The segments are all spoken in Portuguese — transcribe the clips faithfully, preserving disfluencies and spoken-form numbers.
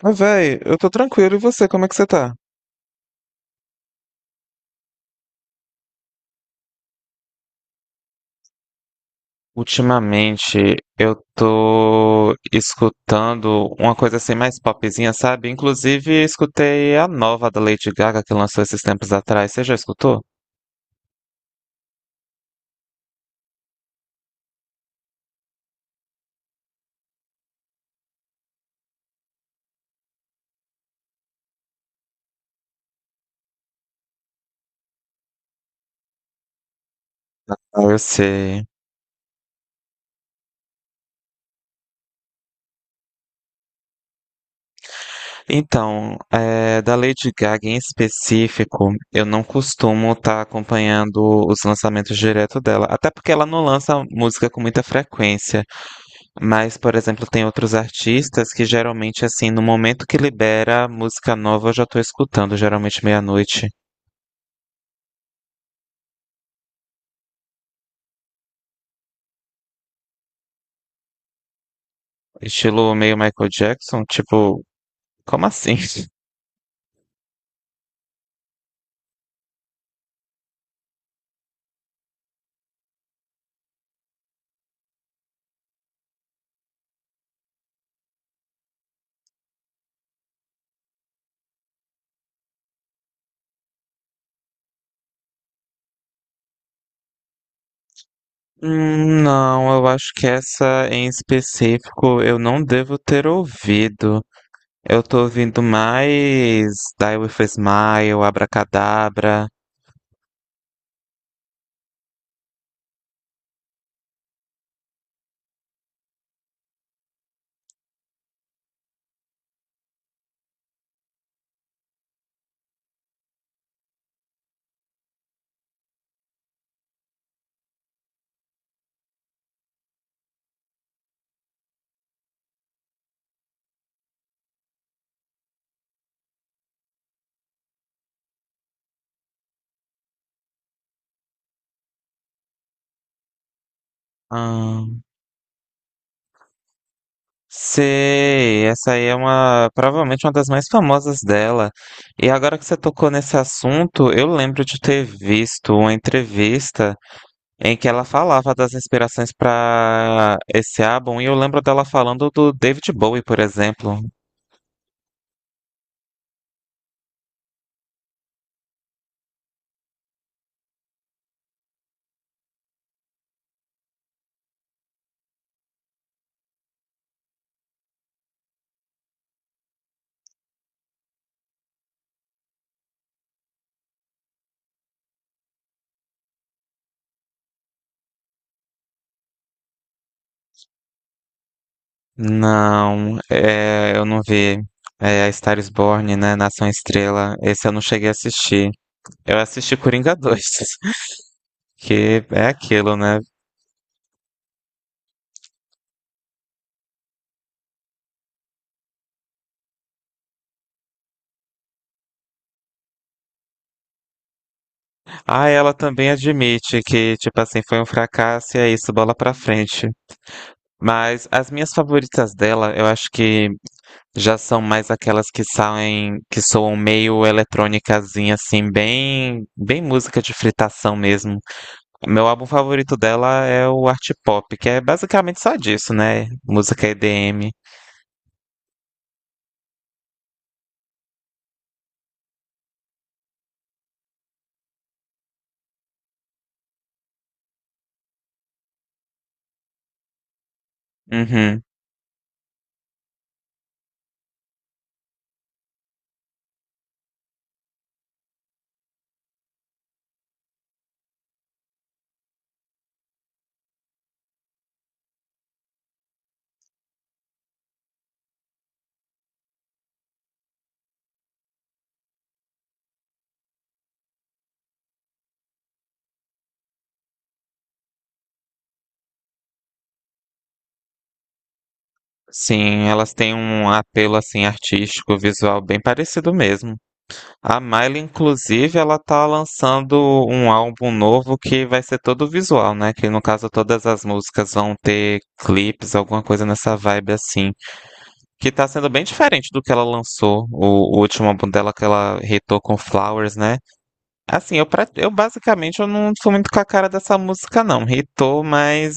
Mas, véi, eu tô tranquilo. E você, como é que você tá? Ultimamente eu tô escutando uma coisa assim mais popzinha, sabe? Inclusive escutei a nova da Lady Gaga que lançou esses tempos atrás. Você já escutou? Ah, eu sei. Então, é, da Lady Gaga em específico, eu não costumo estar acompanhando os lançamentos direto dela, até porque ela não lança música com muita frequência. Mas, por exemplo, tem outros artistas que geralmente, assim, no momento que libera música nova, eu já tô escutando, geralmente meia-noite. Estilo meio Michael Jackson, tipo, como assim? Hum, não, eu acho que essa em específico eu não devo ter ouvido. Eu tô ouvindo mais Die With A Smile, Abracadabra. Ah, sei, essa aí é uma, provavelmente uma das mais famosas dela. E agora que você tocou nesse assunto, eu lembro de ter visto uma entrevista em que ela falava das inspirações para esse álbum, e eu lembro dela falando do David Bowie, por exemplo. Não, é, eu não vi. É, a Star is Born, né? Nação Estrela. Esse eu não cheguei a assistir. Eu assisti Coringa dois, que é aquilo, né? Ah, ela também admite que, tipo assim, foi um fracasso e é isso, bola pra frente. Mas as minhas favoritas dela, eu acho que já são mais aquelas que saem, que soam meio eletrônicazinha, assim, bem, bem música de fritação mesmo. Meu álbum favorito dela é o Art Pop, que é basicamente só disso, né? Música E D M. Uhum. Sim, elas têm um apelo, assim, artístico, visual bem parecido mesmo. A Miley, inclusive, ela tá lançando um álbum novo que vai ser todo visual, né? Que no caso todas as músicas vão ter clipes, alguma coisa nessa vibe assim. Que tá sendo bem diferente do que ela lançou, o, o último álbum dela que ela hitou com Flowers, né? Assim, eu, pra- eu basicamente eu não fui muito com a cara dessa música, não. Hitou, mas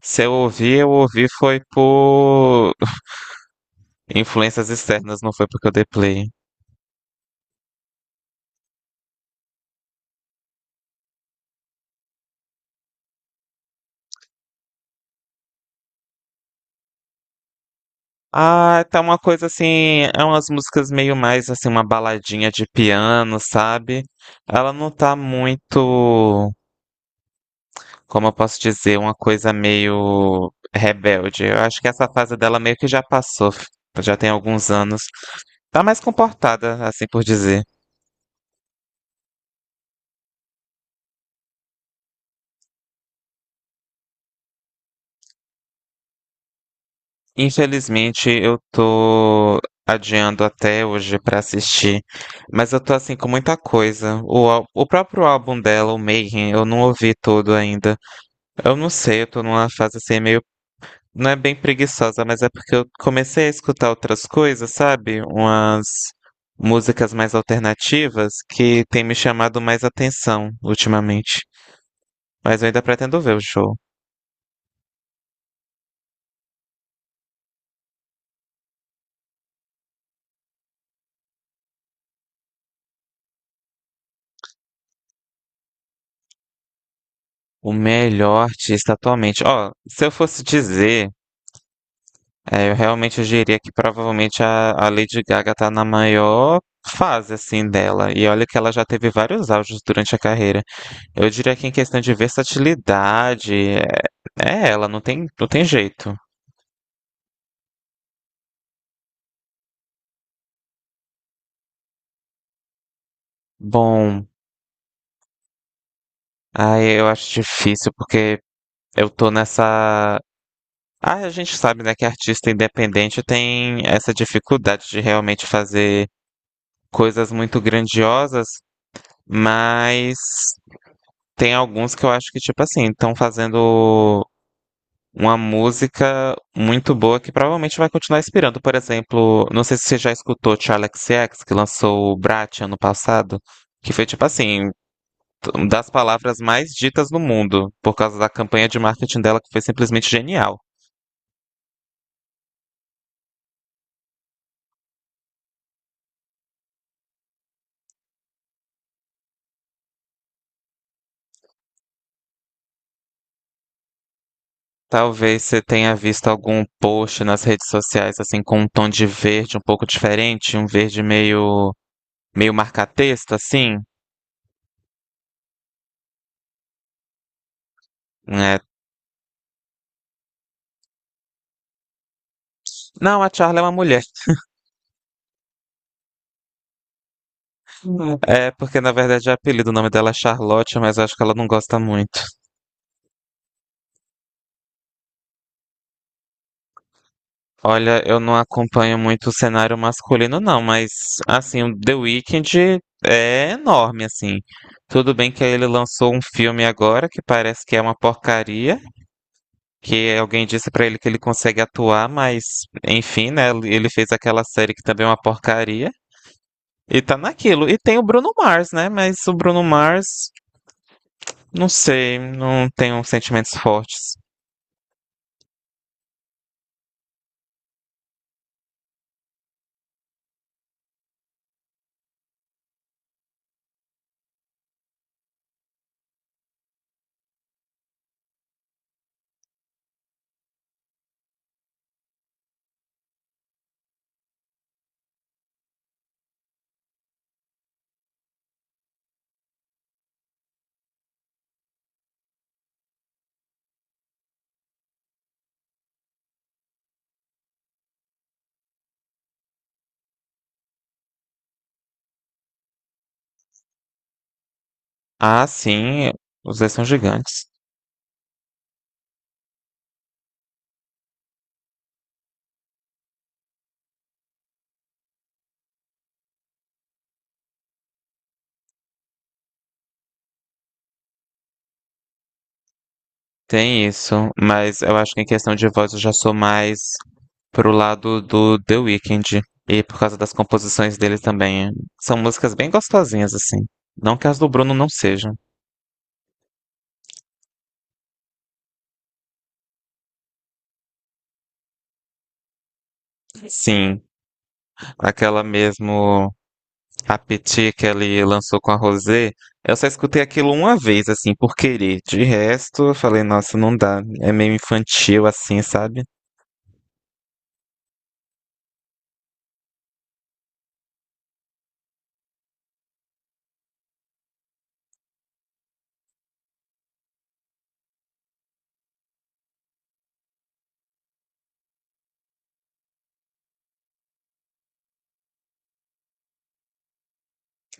se eu ouvi, eu ouvi foi por influências externas, não foi porque eu dei play. Ah, tá uma coisa assim, é umas músicas meio mais assim, uma baladinha de piano, sabe? Ela não tá muito, como eu posso dizer, uma coisa meio rebelde. Eu acho que essa fase dela meio que já passou, f- já tem alguns anos. Tá mais comportada, assim por dizer. Infelizmente, eu tô adiando até hoje pra assistir, mas eu tô assim com muita coisa. O, ál- o próprio álbum dela, o Mayhem, eu não ouvi todo ainda. Eu não sei, eu tô numa fase assim meio. Não é bem preguiçosa, mas é porque eu comecei a escutar outras coisas, sabe? Umas músicas mais alternativas que tem me chamado mais atenção ultimamente. Mas eu ainda pretendo ver o show. O melhor artista atualmente. Ó, se eu fosse dizer, é, eu realmente diria que provavelmente a, a Lady Gaga tá na maior fase, assim, dela. E olha que ela já teve vários auges durante a carreira. Eu diria que em questão de versatilidade, é, é ela, não tem, não tem jeito. Bom, aí eu acho difícil porque eu tô nessa. Ah, a gente sabe, né, que artista independente tem essa dificuldade de realmente fazer coisas muito grandiosas, mas tem alguns que eu acho que, tipo assim, estão fazendo uma música muito boa que provavelmente vai continuar inspirando. Por exemplo, não sei se você já escutou Charli X C X, que lançou o Brat ano passado, que foi tipo assim, uma das palavras mais ditas no mundo, por causa da campanha de marketing dela, que foi simplesmente genial. Talvez você tenha visto algum post nas redes sociais, assim, com um tom de verde um pouco diferente, um verde meio, meio marca-texto, assim. Né? Não, a Charli é uma mulher. É, porque na verdade o apelido, o nome dela é Charlotte, mas eu acho que ela não gosta muito. Olha, eu não acompanho muito o cenário masculino, não, mas assim, o The Weeknd é enorme, assim. Tudo bem que ele lançou um filme agora que parece que é uma porcaria, que alguém disse pra ele que ele consegue atuar, mas enfim, né? Ele fez aquela série que também é uma porcaria. E tá naquilo. E tem o Bruno Mars, né? Mas o Bruno Mars, não sei, não tenho sentimentos fortes. Ah, sim, os dois são gigantes. Tem isso, mas eu acho que em questão de voz eu já sou mais pro lado do The Weeknd. E por causa das composições dele também. São músicas bem gostosinhas, assim. Não que as do Bruno não sejam. Sim, aquela mesmo Appetit que ele lançou com a Rosé, eu só escutei aquilo uma vez, assim, por querer. De resto, eu falei, nossa, não dá. É meio infantil, assim, sabe?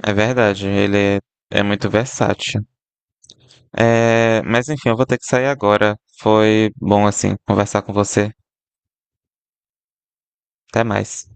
É verdade, ele é, é muito versátil. É, mas enfim, eu vou ter que sair agora. Foi bom assim conversar com você. Até mais.